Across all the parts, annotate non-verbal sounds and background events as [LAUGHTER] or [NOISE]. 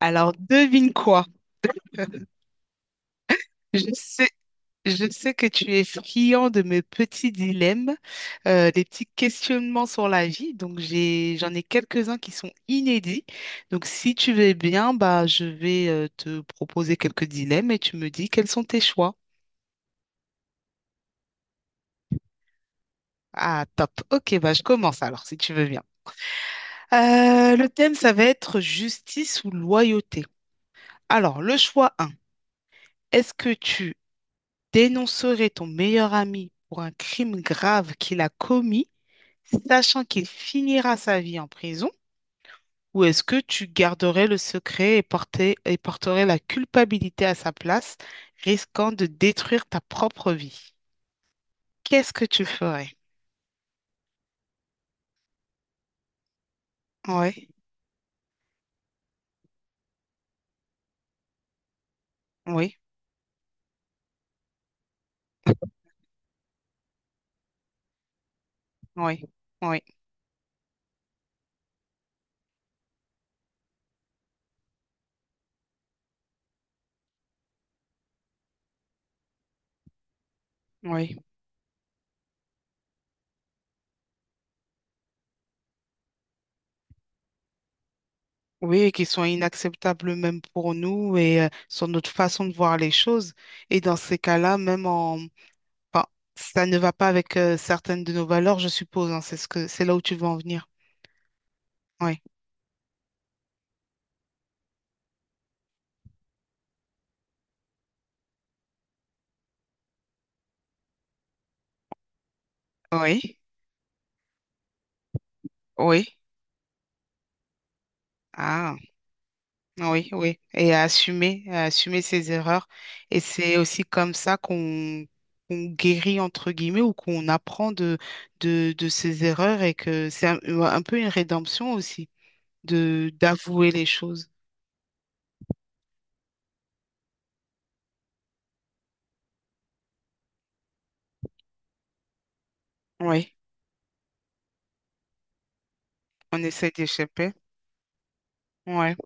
Alors, devine quoi? Je sais, je sais que tu es friand de mes petits dilemmes, des petits questionnements sur la vie. Donc, j'en ai quelques-uns qui sont inédits. Donc, si tu veux bien, bah, je vais te proposer quelques dilemmes et tu me dis quels sont tes choix. Ah, top. Ok, bah, je commence alors, si tu veux bien. Le thème, ça va être justice ou loyauté. Alors, le choix un, est-ce que tu dénoncerais ton meilleur ami pour un crime grave qu'il a commis, sachant qu'il finira sa vie en prison, ou est-ce que tu garderais le secret et porterais la culpabilité à sa place, risquant de détruire ta propre vie? Qu'est-ce que tu ferais? Oui, oui, oui, oui, oui. Oui, et qui sont inacceptables même pour nous et sur notre façon de voir les choses. Et dans ces cas-là, même en... Enfin, ça ne va pas avec certaines de nos valeurs, je suppose, hein, c'est ce que... c'est là où tu veux en venir. Oui, oui, oui. Ah. Oui, oui, et à assumer ses erreurs. Et c'est aussi comme ça qu'on guérit, entre guillemets, ou qu'on apprend de ses erreurs et que c'est un peu une rédemption aussi de d'avouer les choses. Oui, on essaie d'échapper. Ouais,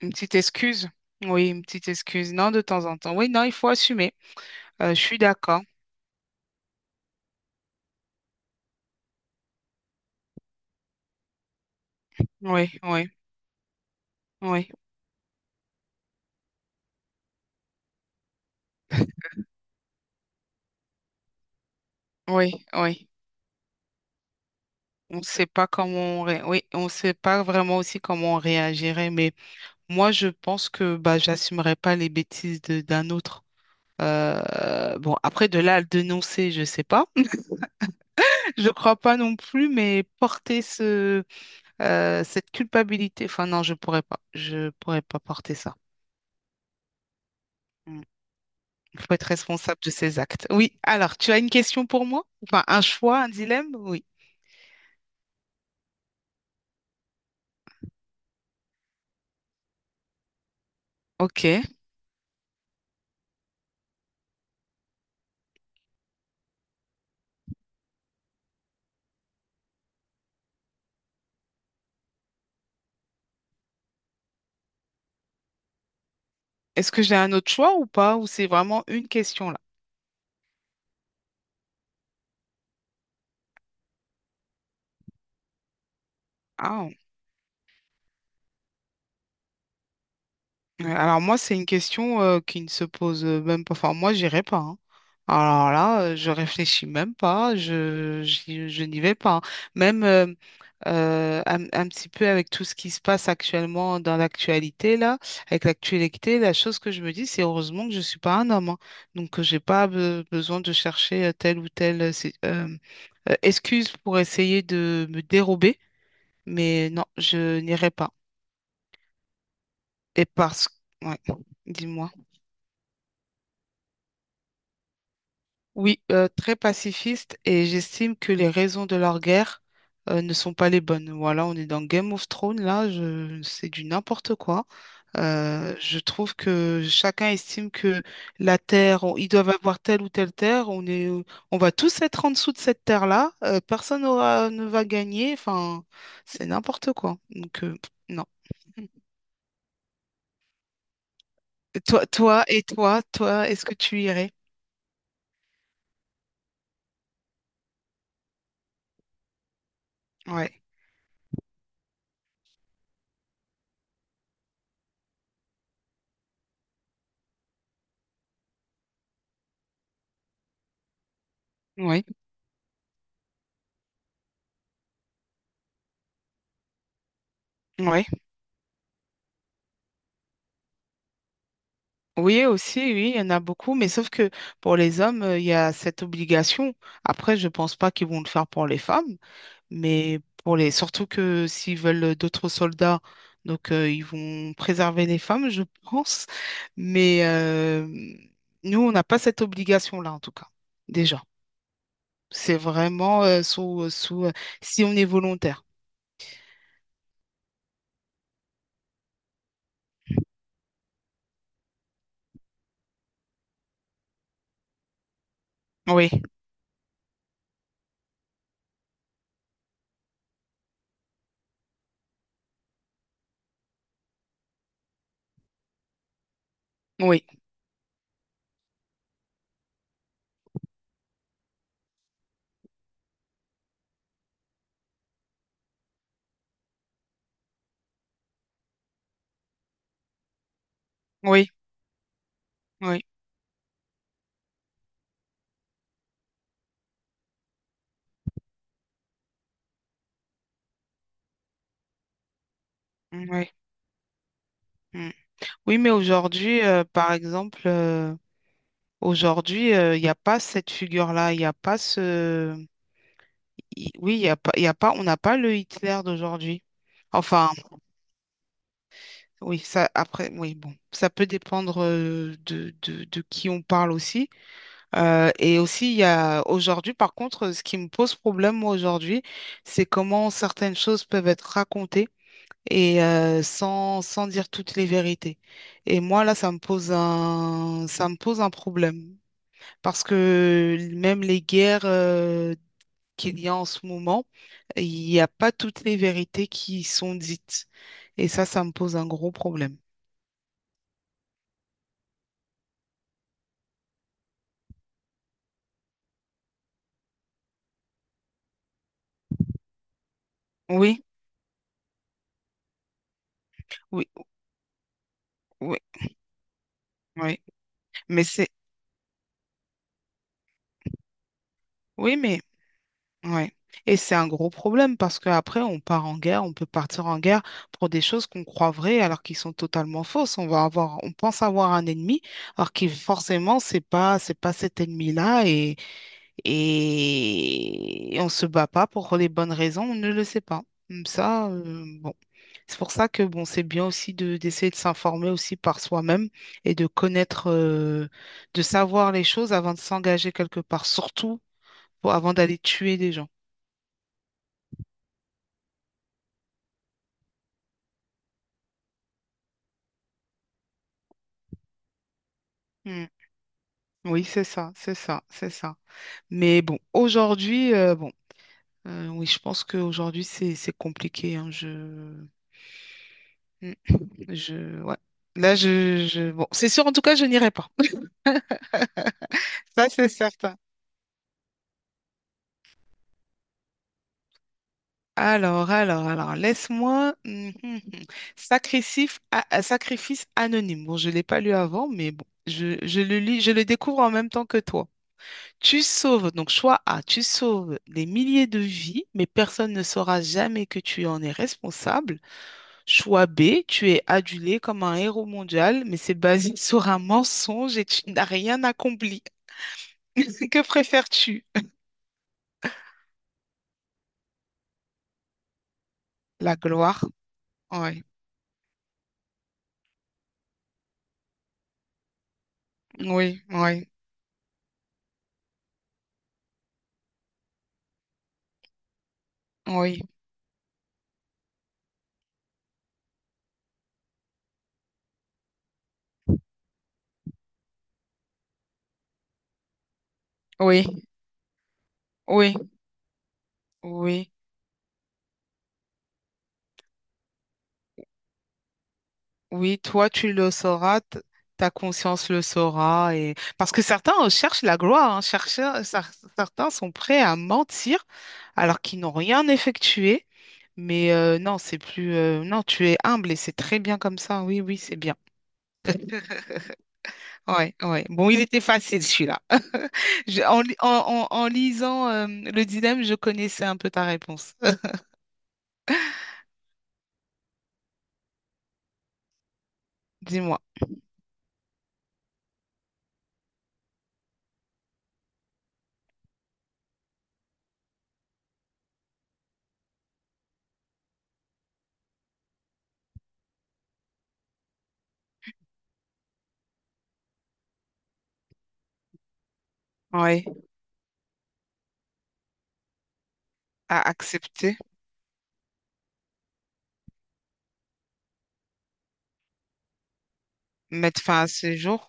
une petite excuse. Oui, une petite excuse. Non, de temps en temps. Oui, non, il faut assumer. Je suis d'accord. Oui, oui, oui. Oui, oui. On ne sait pas comment on ré- Oui, on sait pas vraiment aussi comment on réagirait, mais moi, je pense que bah, j'assumerai pas les bêtises d'un autre. Bon, après, de là à le dénoncer, je sais pas. [LAUGHS] Je crois pas non plus, mais porter cette culpabilité, enfin non, je pourrais pas. Je pourrais pas porter ça. Mm. Il faut être responsable de ses actes. Oui, alors, tu as une question pour moi? Enfin, un choix, un dilemme? Oui. Ok. Est-ce que j'ai un autre choix ou pas? Ou c'est vraiment une question là? Ah. Ouais, alors moi, c'est une question qui ne se pose même pas. Enfin, moi, j'irai pas, hein. Alors là, je réfléchis même pas. N'y vais pas, hein. Même un petit peu avec tout ce qui se passe actuellement dans l'actualité là, avec l'actualité, la chose que je me dis, c'est heureusement que je ne suis pas un homme, hein. Donc, j'ai pas besoin de chercher telle ou telle excuse pour essayer de me dérober. Mais non, je n'irai pas. Et parce que, ouais, dis-moi. Oui, très pacifiste et j'estime que les raisons de leur guerre ne sont pas les bonnes. Voilà, on est dans Game of Thrones, là, je, c'est du n'importe quoi. Je trouve que chacun estime que la terre, ils doivent avoir telle ou telle terre, on va tous être en dessous de cette terre-là, personne ne va gagner, enfin, c'est n'importe quoi. Donc, non. Et toi, toi et toi, toi, est-ce que tu irais? Ouais, oui, oui. Oui, aussi, oui, il y en a beaucoup, mais sauf que pour les hommes, il y a cette obligation. Après, je pense pas qu'ils vont le faire pour les femmes, mais surtout que s'ils veulent d'autres soldats, donc ils vont préserver les femmes, je [LAUGHS] pense. Mais nous, on n'a pas cette obligation-là, en tout cas, déjà. C'est vraiment si on est volontaire. Oui, oui, oui, oui, oui. Mm. Oui, mais aujourd'hui, par exemple, aujourd'hui, il n'y a pas cette figure-là, il n'y a pas ce... Oui, il y a pas, il y a pas, on n'a pas le Hitler d'aujourd'hui. Enfin, oui, ça, après, oui, bon, ça peut dépendre de qui on parle aussi. Et aussi, il y a aujourd'hui, par contre, ce qui me pose problème, moi, aujourd'hui, c'est comment certaines choses peuvent être racontées et sans dire toutes les vérités. Et moi, là, ça me pose un problème. Parce que même les guerres qu'il y a en ce moment, il n'y a pas toutes les vérités qui sont dites. Et ça me pose un gros problème. Oui, oui, oui, oui. Mais c'est, oui, mais, ouais. Et c'est un gros problème parce qu'après, on peut partir en guerre pour des choses qu'on croit vraies alors qu'ils sont totalement fausses. On pense avoir un ennemi alors que forcément, c'est pas cet ennemi-là. Et on se bat pas pour les bonnes raisons, on ne le sait pas. Comme ça, bon, c'est pour ça que bon, c'est bien aussi de d'essayer de s'informer aussi par soi-même et de connaître, de savoir les choses avant de s'engager quelque part, surtout avant d'aller tuer des gens. Hmm. Oui, c'est ça, c'est ça, c'est ça. Mais bon, aujourd'hui, oui, je pense qu'aujourd'hui, c'est compliqué, hein, je, hmm, je, ouais. Là, je, bon, c'est sûr, en tout cas, je n'irai pas. Ça, c'est certain. Alors, laisse-moi. Sacrifice, sacrifice anonyme. Bon, je ne l'ai pas lu avant, mais bon, je le lis, je le découvre en même temps que toi. Tu sauves, donc choix A, tu sauves des milliers de vies, mais personne ne saura jamais que tu en es responsable. Choix B, tu es adulé comme un héros mondial, mais c'est basé [LAUGHS] sur un mensonge et tu n'as rien accompli. [LAUGHS] Que préfères-tu? La gloire. Oui, oui, oui, oui, oui, oui. Oui, oui, toi tu le sauras, ta conscience le saura et parce que certains cherchent la gloire, hein, certains sont prêts à mentir alors qu'ils n'ont rien effectué. Mais non, c'est plus non, tu es humble et c'est très bien comme ça. Oui, oui, c'est bien. Ouais, ouais. Bon, il était facile celui-là. [LAUGHS] Je- En, li- en, en- en lisant le dilemme, je connaissais un peu ta réponse. Dis-moi. Oui. À accepter, mettre fin à ce jour.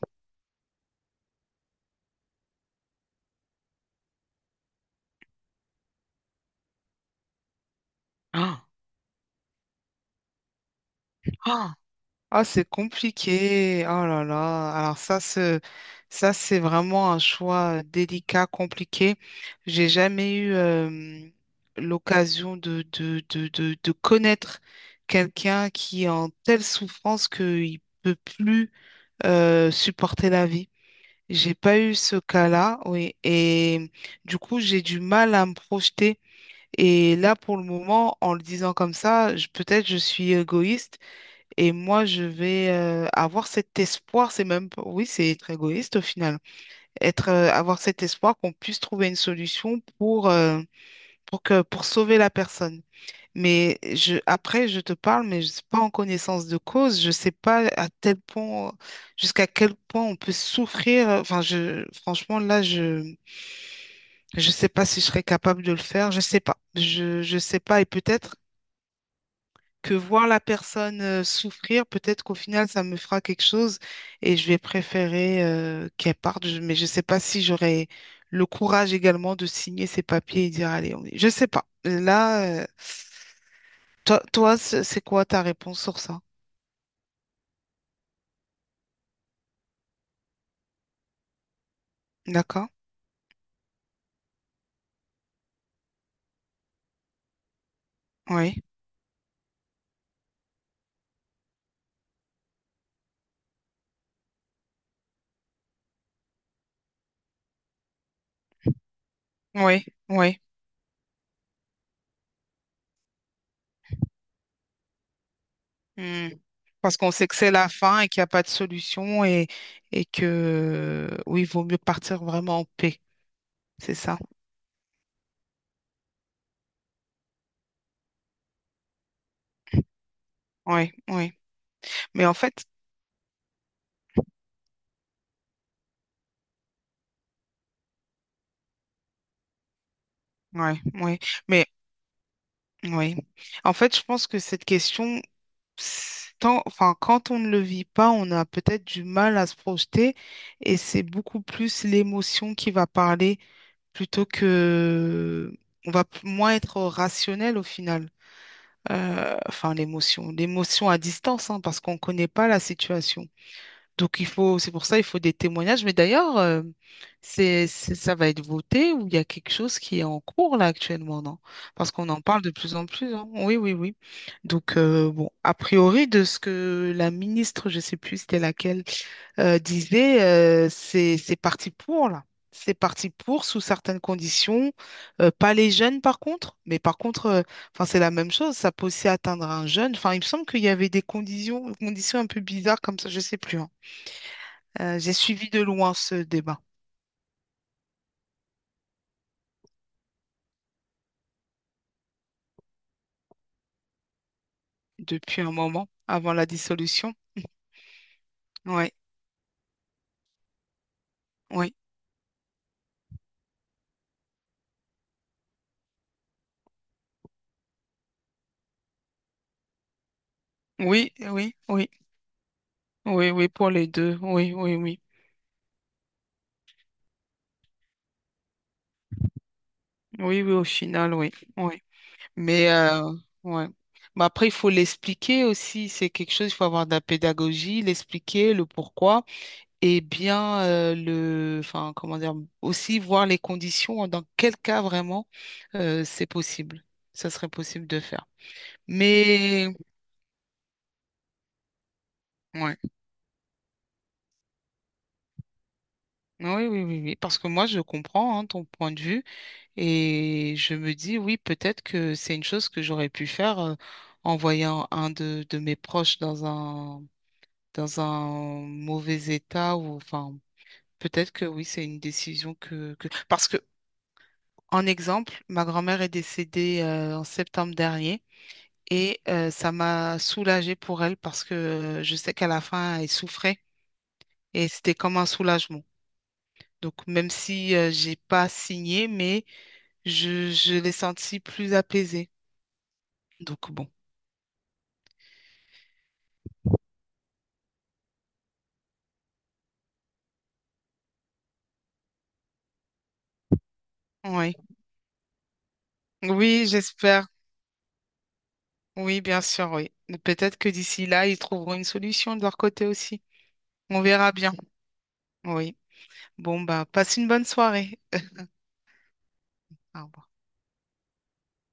Ah. Ah. Ah, c'est compliqué. Oh là là. Alors ça, c'est vraiment un choix délicat, compliqué. J'ai jamais eu l'occasion de connaître quelqu'un qui est en telle souffrance qu'il peut plus supporter la vie. J'ai pas eu ce cas-là, oui. Et du coup, j'ai du mal à me projeter. Et là, pour le moment, en le disant comme ça, peut-être je suis égoïste. Et moi, je vais avoir cet espoir, c'est même, pas- oui, c'est être égoïste au final, avoir cet espoir qu'on puisse trouver une solution pour, pour sauver la personne. Mais je, après, je te parle, mais je ne suis pas en connaissance de cause. Je ne sais pas à tel point, jusqu'à quel point on peut souffrir. Enfin, je, franchement, là, je ne sais pas si je serais capable de le faire. Je ne sais pas. Je sais pas. Et peut-être que voir la personne souffrir, peut-être qu'au final, ça me fera quelque chose et je vais préférer qu'elle parte. Mais je ne sais pas si j'aurai le courage également de signer ces papiers et dire, allez, on y... Je ne sais pas. Là, toi, toi, c'est quoi ta réponse sur ça? D'accord? Oui, oui, oui. Hmm. Parce qu'on sait que c'est la fin et qu'il n'y a pas de solution et que, oui, il vaut mieux partir vraiment en paix. C'est ça. Oui, oui. Mais en fait, oui, oui. Mais oui. En fait, je pense que cette question, c'est tant, enfin, quand on ne le vit pas, on a peut-être du mal à se projeter et c'est beaucoup plus l'émotion qui va parler plutôt que moins être rationnel au final. Enfin, l'émotion à distance, hein, parce qu'on ne connaît pas la situation. Donc il faut, c'est pour ça, il faut des témoignages. Mais d'ailleurs, ça va être voté ou il y a quelque chose qui est en cours là actuellement, non? Parce qu'on en parle de plus en plus, hein. Oui, oui, oui. Donc bon, a priori de ce que la ministre, je sais plus c'était laquelle, disait, c'est parti pour là. C'est parti pour sous certaines conditions. Pas les jeunes par contre, mais par contre, enfin c'est la même chose. Ça peut aussi atteindre un jeune. Enfin, il me semble qu'il y avait des conditions, conditions un peu bizarres comme ça, je sais plus, hein. J'ai suivi de loin ce débat depuis un moment, avant la dissolution. Oui, oui, oui, oui, oui, oui, oui, pour les deux. Oui, oui, oui. Oui, oui, au final, oui, oui. Mais, ouais. Mais après, il faut l'expliquer aussi. C'est quelque chose, il faut avoir de la pédagogie, l'expliquer, le pourquoi. Et bien, enfin, comment dire, aussi voir les conditions, hein, dans quel cas vraiment c'est possible. Ça serait possible de faire. Mais, ouais. Oui, oui, oui, oui, parce que moi, je comprends hein, ton point de vue et je me dis, oui, peut-être que c'est une chose que j'aurais pu faire en voyant un de mes proches dans un mauvais état ou enfin, peut-être que oui, c'est une décision que... Parce que, en exemple, ma grand-mère est décédée en septembre dernier et ça m'a soulagée pour elle parce que je sais qu'à la fin, elle souffrait et c'était comme un soulagement. Donc, même si j'ai pas signé, mais je l'ai senti plus apaisé. Donc bon, oui. Oui, j'espère. Oui, bien sûr, oui. Peut-être que d'ici là, ils trouveront une solution de leur côté aussi. On verra bien. Oui. Bon, bah, passe une bonne soirée. Au revoir.